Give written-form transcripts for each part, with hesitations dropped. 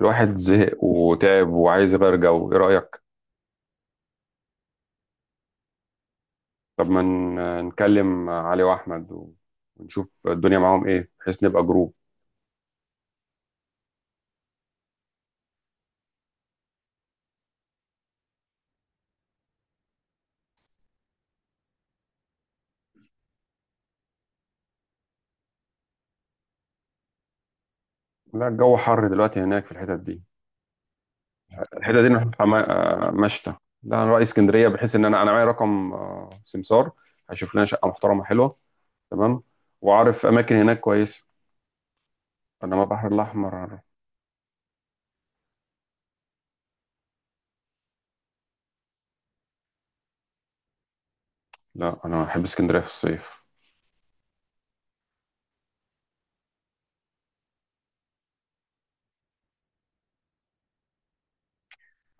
الواحد زهق وتعب وعايز يغير جو، ايه رأيك؟ طب ما نكلم علي واحمد ونشوف الدنيا معاهم ايه، بحيث نبقى جروب. لا، الجو حر دلوقتي هناك في الحتت دي. الحتت دي نروح مشتى. لا، انا رأي اسكندرية بحيث ان انا معايا رقم سمسار. هشوف لنا شقة محترمة حلوة. تمام. وعارف اماكن هناك كويسة. انما البحر الاحمر. لا، انا بحب اسكندرية في الصيف.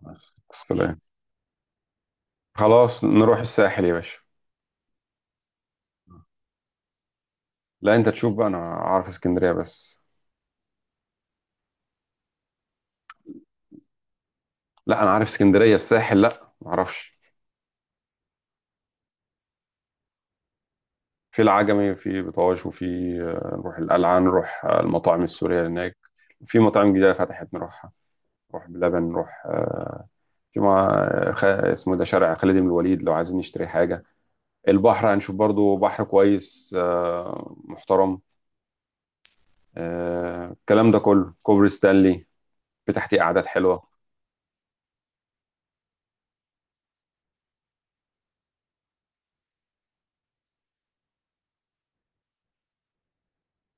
بس السلام. خلاص، نروح الساحل يا باشا. لا، انت تشوف بقى، انا عارف اسكندرية بس. لا، انا عارف اسكندريه، الساحل لا ما اعرفش. في العجمي، في بطاش، وفي نروح القلعه، نروح المطاعم السوريه هناك. في مطاعم جديده فتحت نروحها. نروح بلبن، نروح في مع اسمه ده شارع خالد بن الوليد، لو عايزين نشتري حاجه. البحر هنشوف برضو بحر كويس محترم. الكلام ده كله كوبري ستانلي. في تحتيه قعدات حلوه.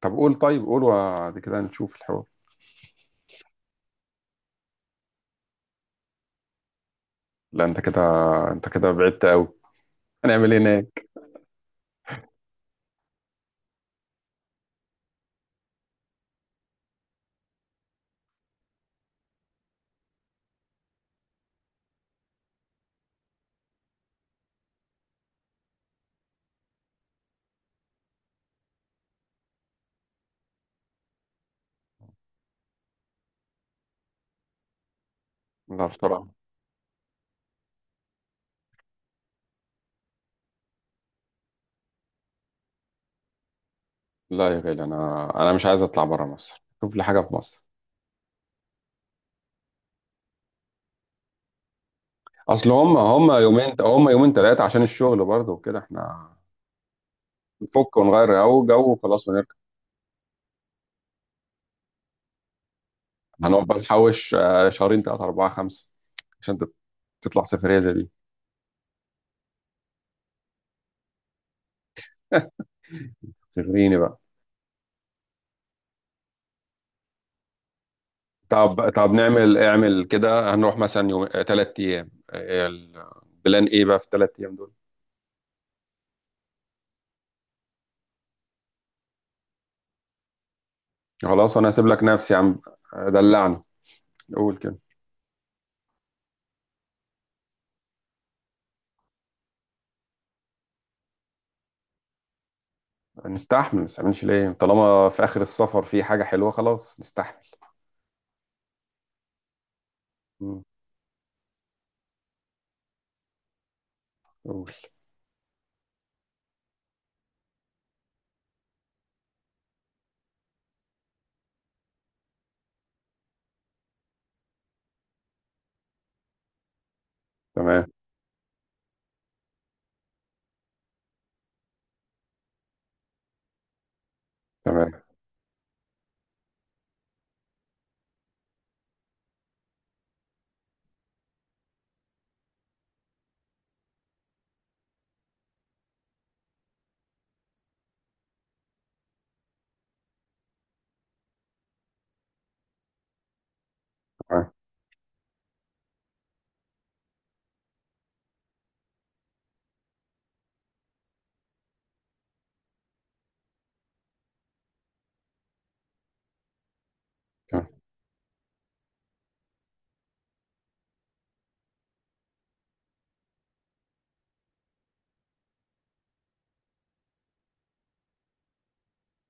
طب قول، طيب قول، وبعد كده نشوف الحوار. لا، انت كده، انت كده بعدت قوي. هنعمل ايه هناك؟ لا، بصراحه. لا يا غالي، انا مش عايز اطلع بره مصر، شوف لي حاجه في مصر. اصل هم يومين، هم يومين ثلاثه، عشان الشغل برضه وكده احنا نفك ونغير جو وخلاص ونرجع. هنقعد بقى نحوش شهرين ثلاثه اربعه خمسه. عشان تطلع سفريه زي دي. سفريني بقى. طب اعمل كده، هنروح مثلا يوم 3 ايام، البلان ايه بقى في 3 ايام دول؟ خلاص، انا هسيب لك نفسي يا عم. دلعني. قول كده. نستحمل، ما نستحملش ليه؟ طالما في آخر السفر في حاجة حلوة، خلاص نستحمل. مم. قول. تمام. تمام، تمام، تمام،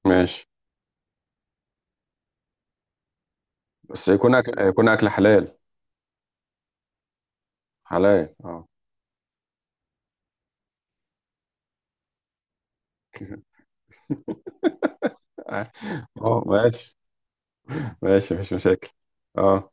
ماشي، بس يكون أكل حلال. حلال، اه. اه، ماشي. ماشي، مفيش مشاكل. اه.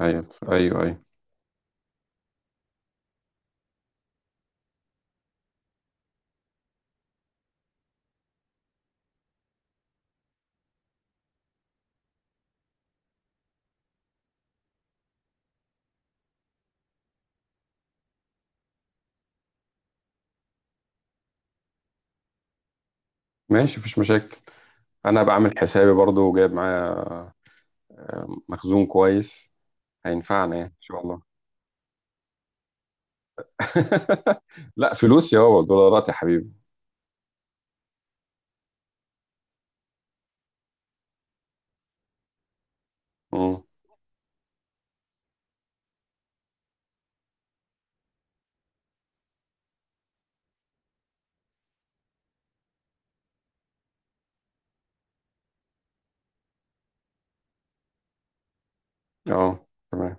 ايوه، ايوه، ايوه. ماشي، مفيش مشاكل. انا بعمل حسابي برضو وجايب معايا مخزون كويس. هينفعنا يعني ان شاء الله. لا، فلوس يا بابا، دولارات يا حبيبي. مم. اه. تمام،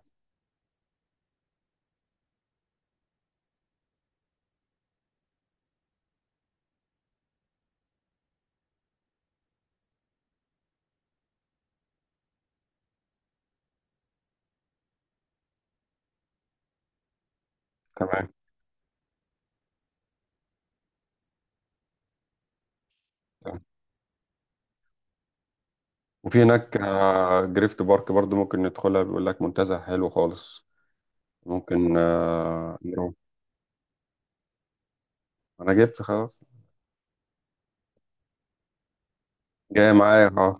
تمام. وفي هناك جريفت بارك برضو، ممكن ندخلها، بيقول لك منتزه حلو خالص. ممكن نروح. انا جبت خلاص. جاي معايا، اه.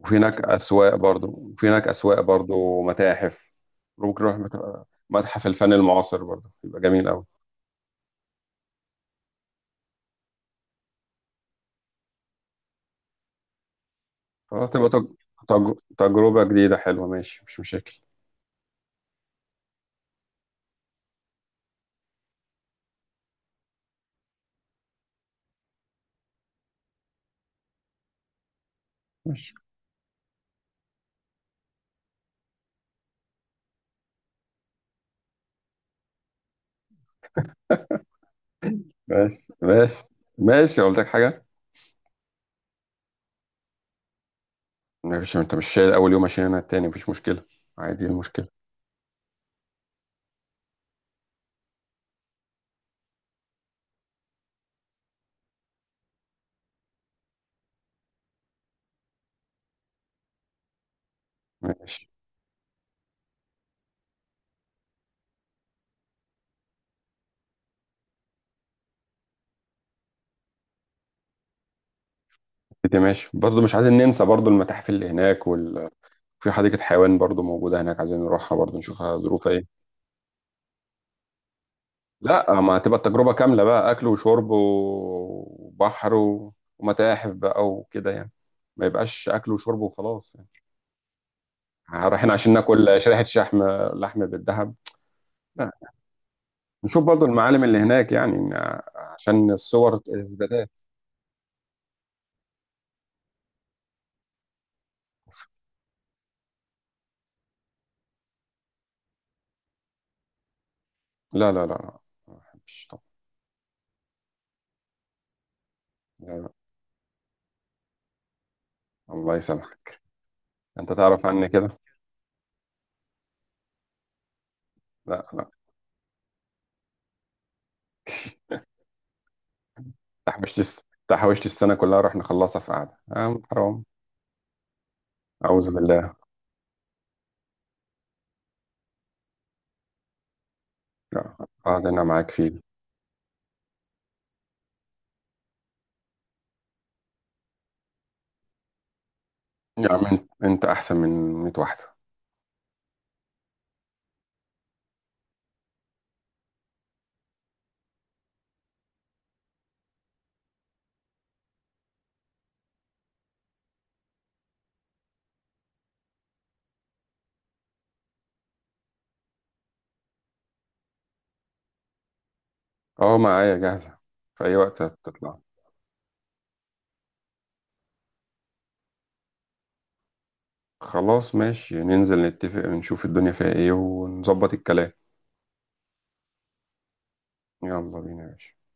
وفي هناك اسواق برضو متاحف. ممكن نروح متحف الفن المعاصر برضو، يبقى جميل قوي. فتبقى تجربة جديدة حلوة، ماشي، مش مشاكل. ماشي، ماشي. ماشي، قلت لك حاجة؟ ماشي، انت مش شايل اول يوم؟ عشان انا التاني مفيش مشكلة. عادي، إيه المشكلة؟ ماشي. انت ماشي، برضه مش عايزين ننسى برضه المتاحف اللي هناك. في حديقة حيوان برضه موجودة هناك، عايزين نروحها برضه، نشوفها ظروفها ايه. لا، ما هتبقى التجربة كاملة بقى: أكل وشرب وبحر ومتاحف بقى وكده يعني. ما يبقاش أكل وشرب وخلاص يعني. رايحين عشان ناكل شريحة شحم؟ لحم بالذهب. لا. نشوف برضه المعالم اللي هناك يعني. عشان الصور إثباتات. لا، لا، لا، لا. ما بحبش طبعا. لا، لا. الله يسامحك. أنت تعرف عني كده. لا، لا. تحوشت السنة كلها، راح نخلصها في قعدة، آه حرام. أعوذ بالله. لا. قعدة أنا معاك فيه دي. يا عم، أنت أحسن من 100 واحدة. أه، معايا جاهزة. في أي وقت هتطلع. خلاص، ماشي، ننزل نتفق، نشوف الدنيا فيها إيه، ونظبط الكلام. يلا بينا يا باشا.